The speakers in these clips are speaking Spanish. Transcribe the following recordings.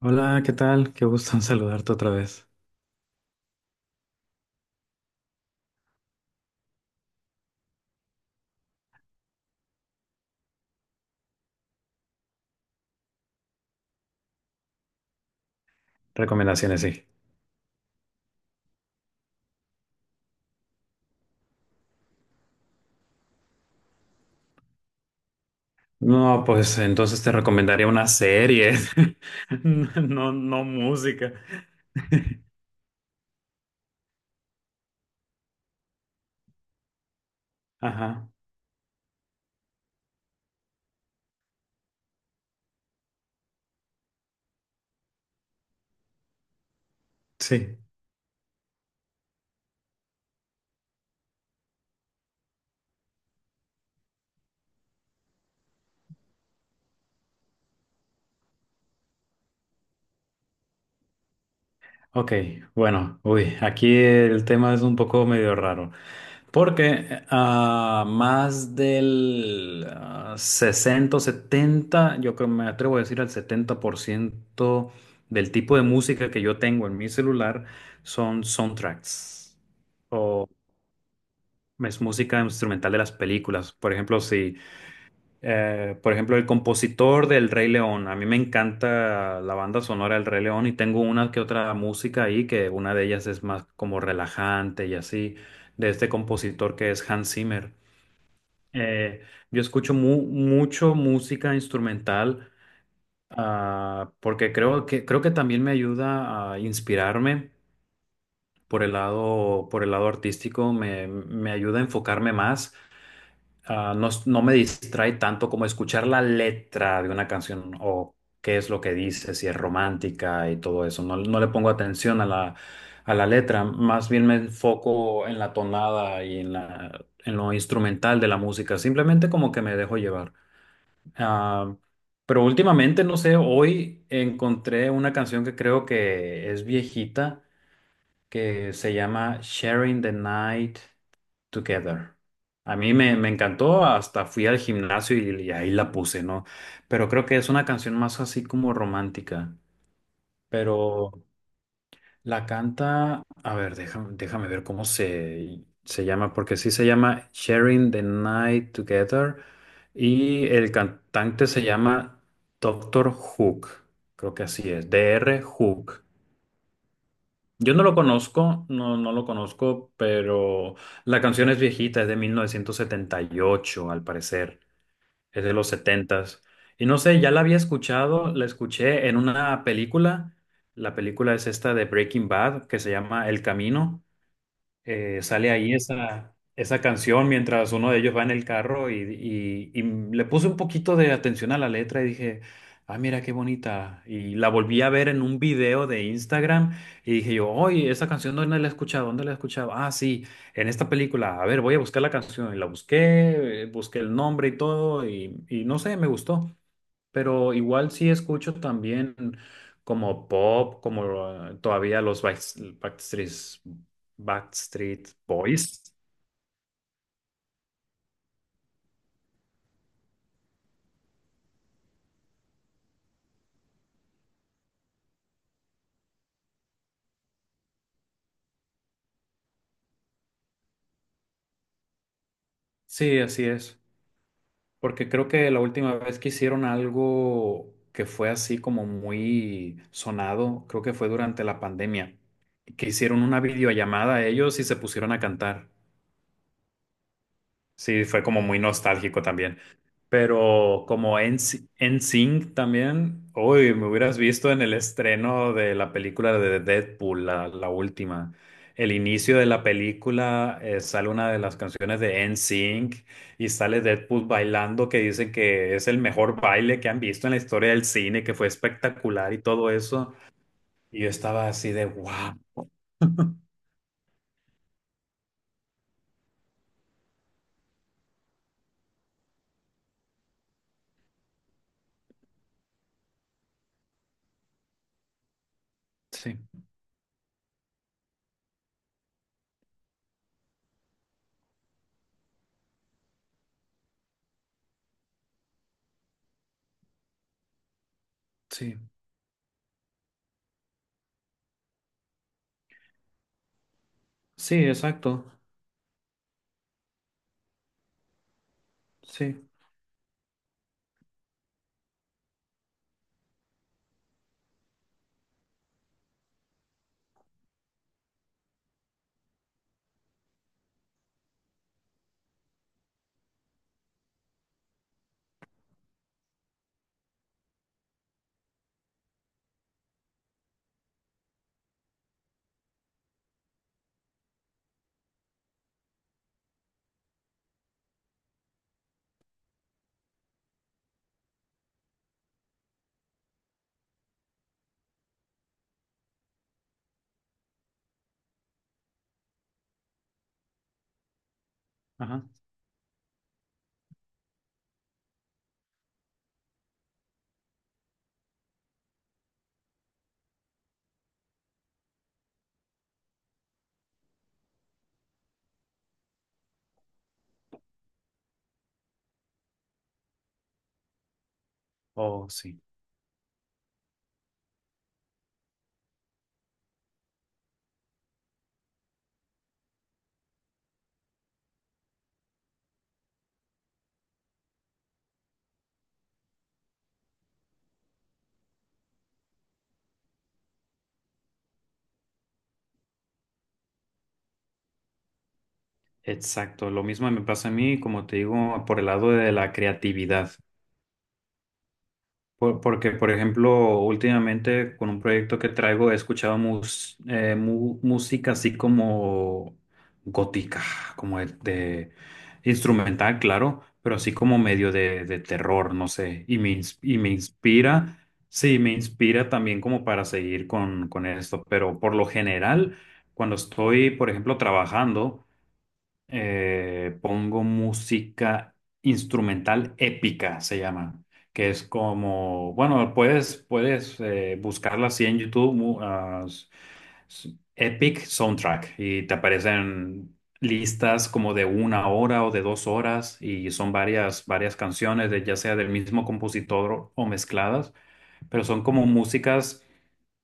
Hola, ¿qué tal? Qué gusto en saludarte otra vez. Recomendaciones, sí. No, pues entonces te recomendaría una serie, no, no música. Ajá, sí. Ok, bueno, uy, aquí el tema es un poco medio raro. Porque más del 60 o 70, yo creo me atrevo a decir al 70% del tipo de música que yo tengo en mi celular son soundtracks o es música instrumental de las películas. Por ejemplo, si, por ejemplo, el compositor del Rey León. A mí me encanta la banda sonora del Rey León y tengo una que otra música ahí, que una de ellas es más como relajante y así, de este compositor que es Hans Zimmer. Eh, yo escucho mucho música instrumental, porque creo que también me ayuda a inspirarme por el lado artístico, me ayuda a enfocarme más. No, no me distrae tanto como escuchar la letra de una canción o qué es lo que dice, si es romántica y todo eso. No, no le pongo atención a la letra, más bien me enfoco en la tonada y en la, en lo instrumental de la música, simplemente como que me dejo llevar. Ah, pero últimamente, no sé, hoy encontré una canción que creo que es viejita, que se llama Sharing the Night. Together. A mí me encantó, hasta fui al gimnasio y ahí la puse, ¿no? Pero creo que es una canción más así como romántica. Pero la canta, a ver, déjame ver cómo se llama, porque sí se llama Sharing the Night Together y el cantante se llama Doctor Hook, creo que así es, Dr. Hook. Yo no lo conozco, no, no lo conozco, pero la canción es viejita, es de 1978, al parecer, es de los setentas. Y no sé, ya la había escuchado, la escuché en una película, la película es esta de Breaking Bad, que se llama El Camino, sale ahí esa canción mientras uno de ellos va en el carro y le puse un poquito de atención a la letra y dije, ah, mira qué bonita. Y la volví a ver en un video de Instagram y dije yo, oye, esa canción ¿dónde la he escuchado? ¿Dónde la he escuchado? Ah, sí, en esta película. A ver, voy a buscar la canción. Y la busqué, busqué el nombre y todo y no sé, me gustó pero igual sí escucho también como pop, como todavía los Backstreet Boys. Sí, así es, porque creo que la última vez que hicieron algo que fue así como muy sonado, creo que fue durante la pandemia, que hicieron una videollamada a ellos y se pusieron a cantar. Sí, fue como muy nostálgico también. Pero como en NSYNC también, uy, me hubieras visto en el estreno de la película de Deadpool, la última. El inicio de la película sale una de las canciones de NSYNC y sale Deadpool bailando que dicen que es el mejor baile que han visto en la historia del cine, que fue espectacular y todo eso. Y yo estaba así de wow. Sí, sí, sí, exacto. Sí, ajá. Oh, sí. Exacto, lo mismo me pasa a mí, como te digo, por el lado de la creatividad. Porque, por ejemplo, últimamente con un proyecto que traigo he escuchado música así como gótica, como de instrumental, claro, pero así como medio de terror, no sé, y me inspira, sí, me inspira también como para seguir con esto, pero por lo general, cuando estoy, por ejemplo, trabajando, pongo música instrumental épica, se llama, que es como, bueno, puedes buscarla así en YouTube, Epic Soundtrack, y te aparecen listas como de una hora o de 2 horas, y son varias canciones, de, ya sea del mismo compositor o mezcladas, pero son como músicas.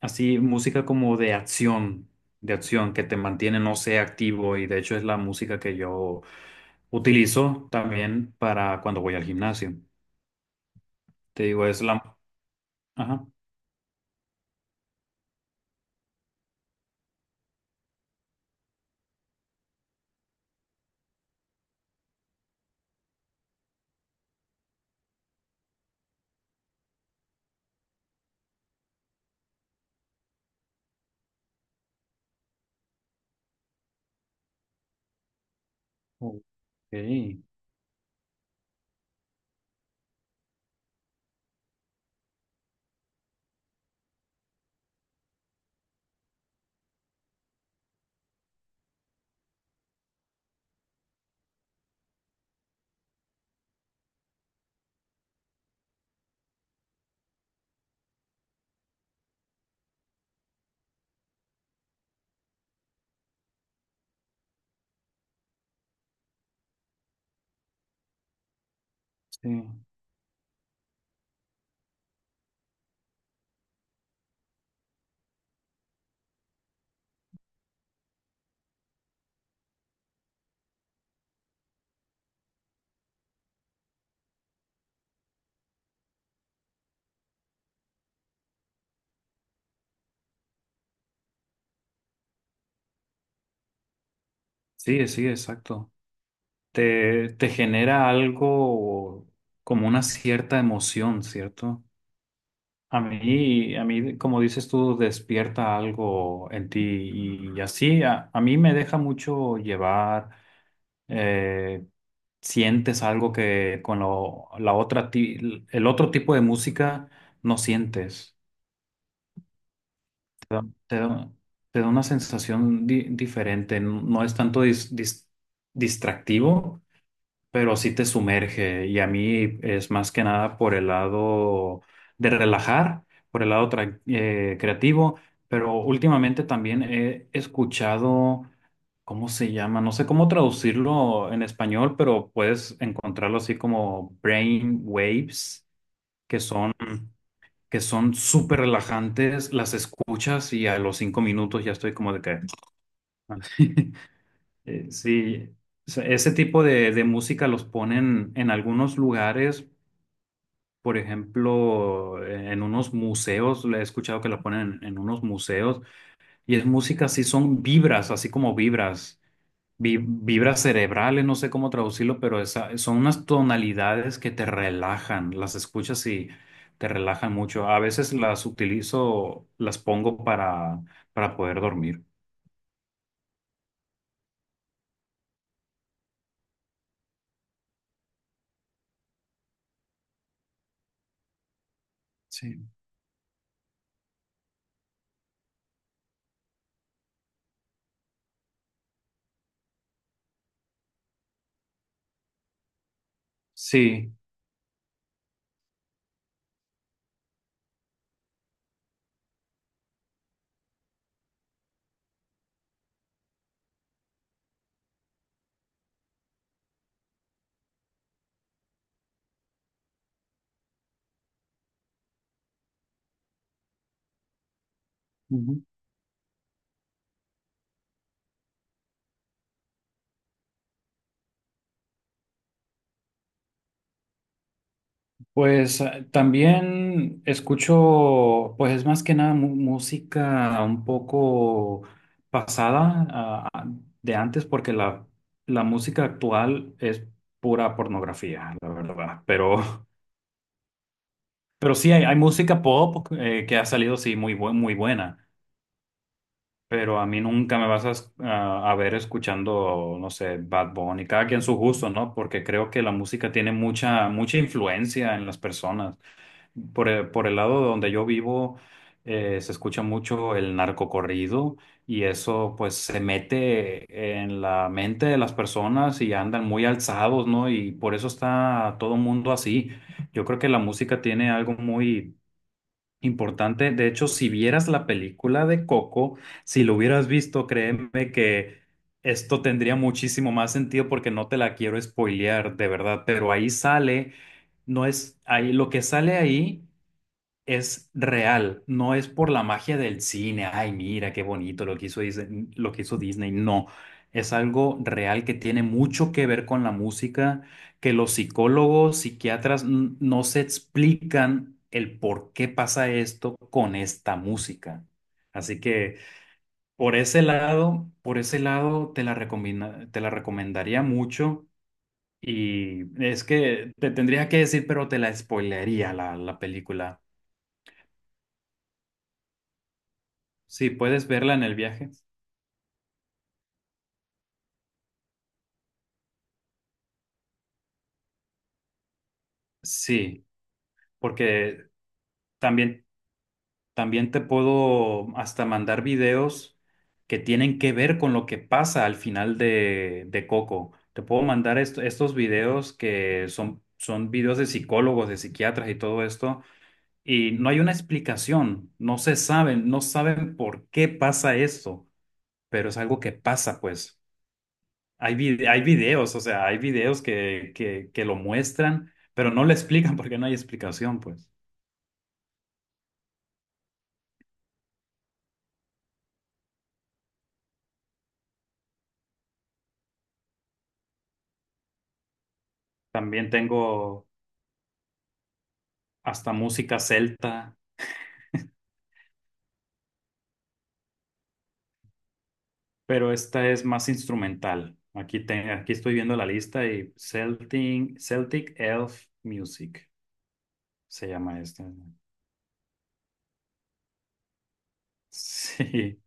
Así, música como de acción que te mantiene, no sé, activo y de hecho es la música que yo utilizo también para cuando voy al gimnasio. Te digo, es la. Ajá. Ok, sí. Sí, sí, exacto. Te genera algo como una cierta emoción, ¿cierto? A mí, como dices tú, despierta algo en ti y así a mí me deja mucho llevar eh, Sientes algo que con el otro tipo de música no sientes. Te da, te da- te da una sensación diferente. No es tanto distractivo, pero sí te sumerge. Y a mí es más que nada por el lado de relajar, por el lado creativo. Pero últimamente también he escuchado ¿Cómo se llama? No sé cómo traducirlo en español, pero puedes encontrarlo así como brain waves, mm, que son súper relajantes, las escuchas y a los 5 minutos ya estoy como de que. Sí, o sea, ese tipo de música los ponen en algunos lugares, por ejemplo, en unos museos, le he escuchado que la ponen en unos museos, y es música así, son vibras, así como vibras, vibras cerebrales, no sé cómo traducirlo, pero esa, son unas tonalidades que te relajan, las escuchas y te relajan mucho. A veces las utilizo, las pongo para poder dormir. Sí, sí. Ujú. Pues también escucho, pues es más que nada música un poco pasada, de antes, porque la música actual es pura pornografía, la verdad, pero. Pero sí, hay música pop que ha salido, sí, muy buena. Pero a mí nunca me vas a ver escuchando, no sé, Bad Bunny, cada quien su gusto, ¿no? Porque creo que la música tiene mucha, mucha influencia en las personas. Por el lado donde yo vivo, se escucha mucho el narcocorrido y eso pues se mete en la mente de las personas y andan muy alzados, ¿no? Y por eso está todo mundo así. Yo creo que la música tiene algo muy importante, de hecho, si vieras la película de Coco, si lo hubieras visto, créeme que esto tendría muchísimo más sentido porque no te la quiero spoilear, de verdad, pero ahí sale, no es, ahí lo que sale ahí es real, no es por la magia del cine, ay, mira qué bonito lo que hizo Disney, lo que hizo Disney, no, es algo real que tiene mucho que ver con la música, que los psicólogos, psiquiatras no se explican el por qué pasa esto con esta música. Así que por ese lado te la recomendaría mucho y es que te tendría que decir, pero te la spoilearía la película. Sí, puedes verla en el viaje. Sí, porque también, también te puedo hasta mandar videos que tienen que ver con lo que pasa al final de Coco. Te puedo mandar estos videos que son videos de psicólogos, de psiquiatras y todo esto, y no hay una explicación, no saben por qué pasa esto, pero es algo que pasa, pues. Hay videos, o sea, hay videos que lo muestran, pero no le explican porque no hay explicación, pues. También tengo hasta música celta, pero esta es más instrumental. Aquí estoy viendo la lista y Celtic Elf Music se llama esta. Sí,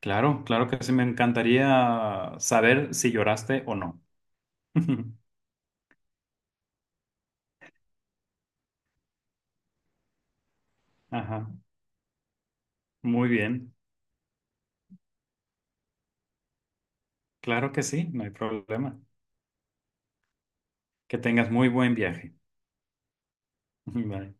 claro, claro que sí, me encantaría saber si lloraste o no. Ajá, muy bien, claro que sí, no hay problema. Que tengas muy buen viaje. Bye.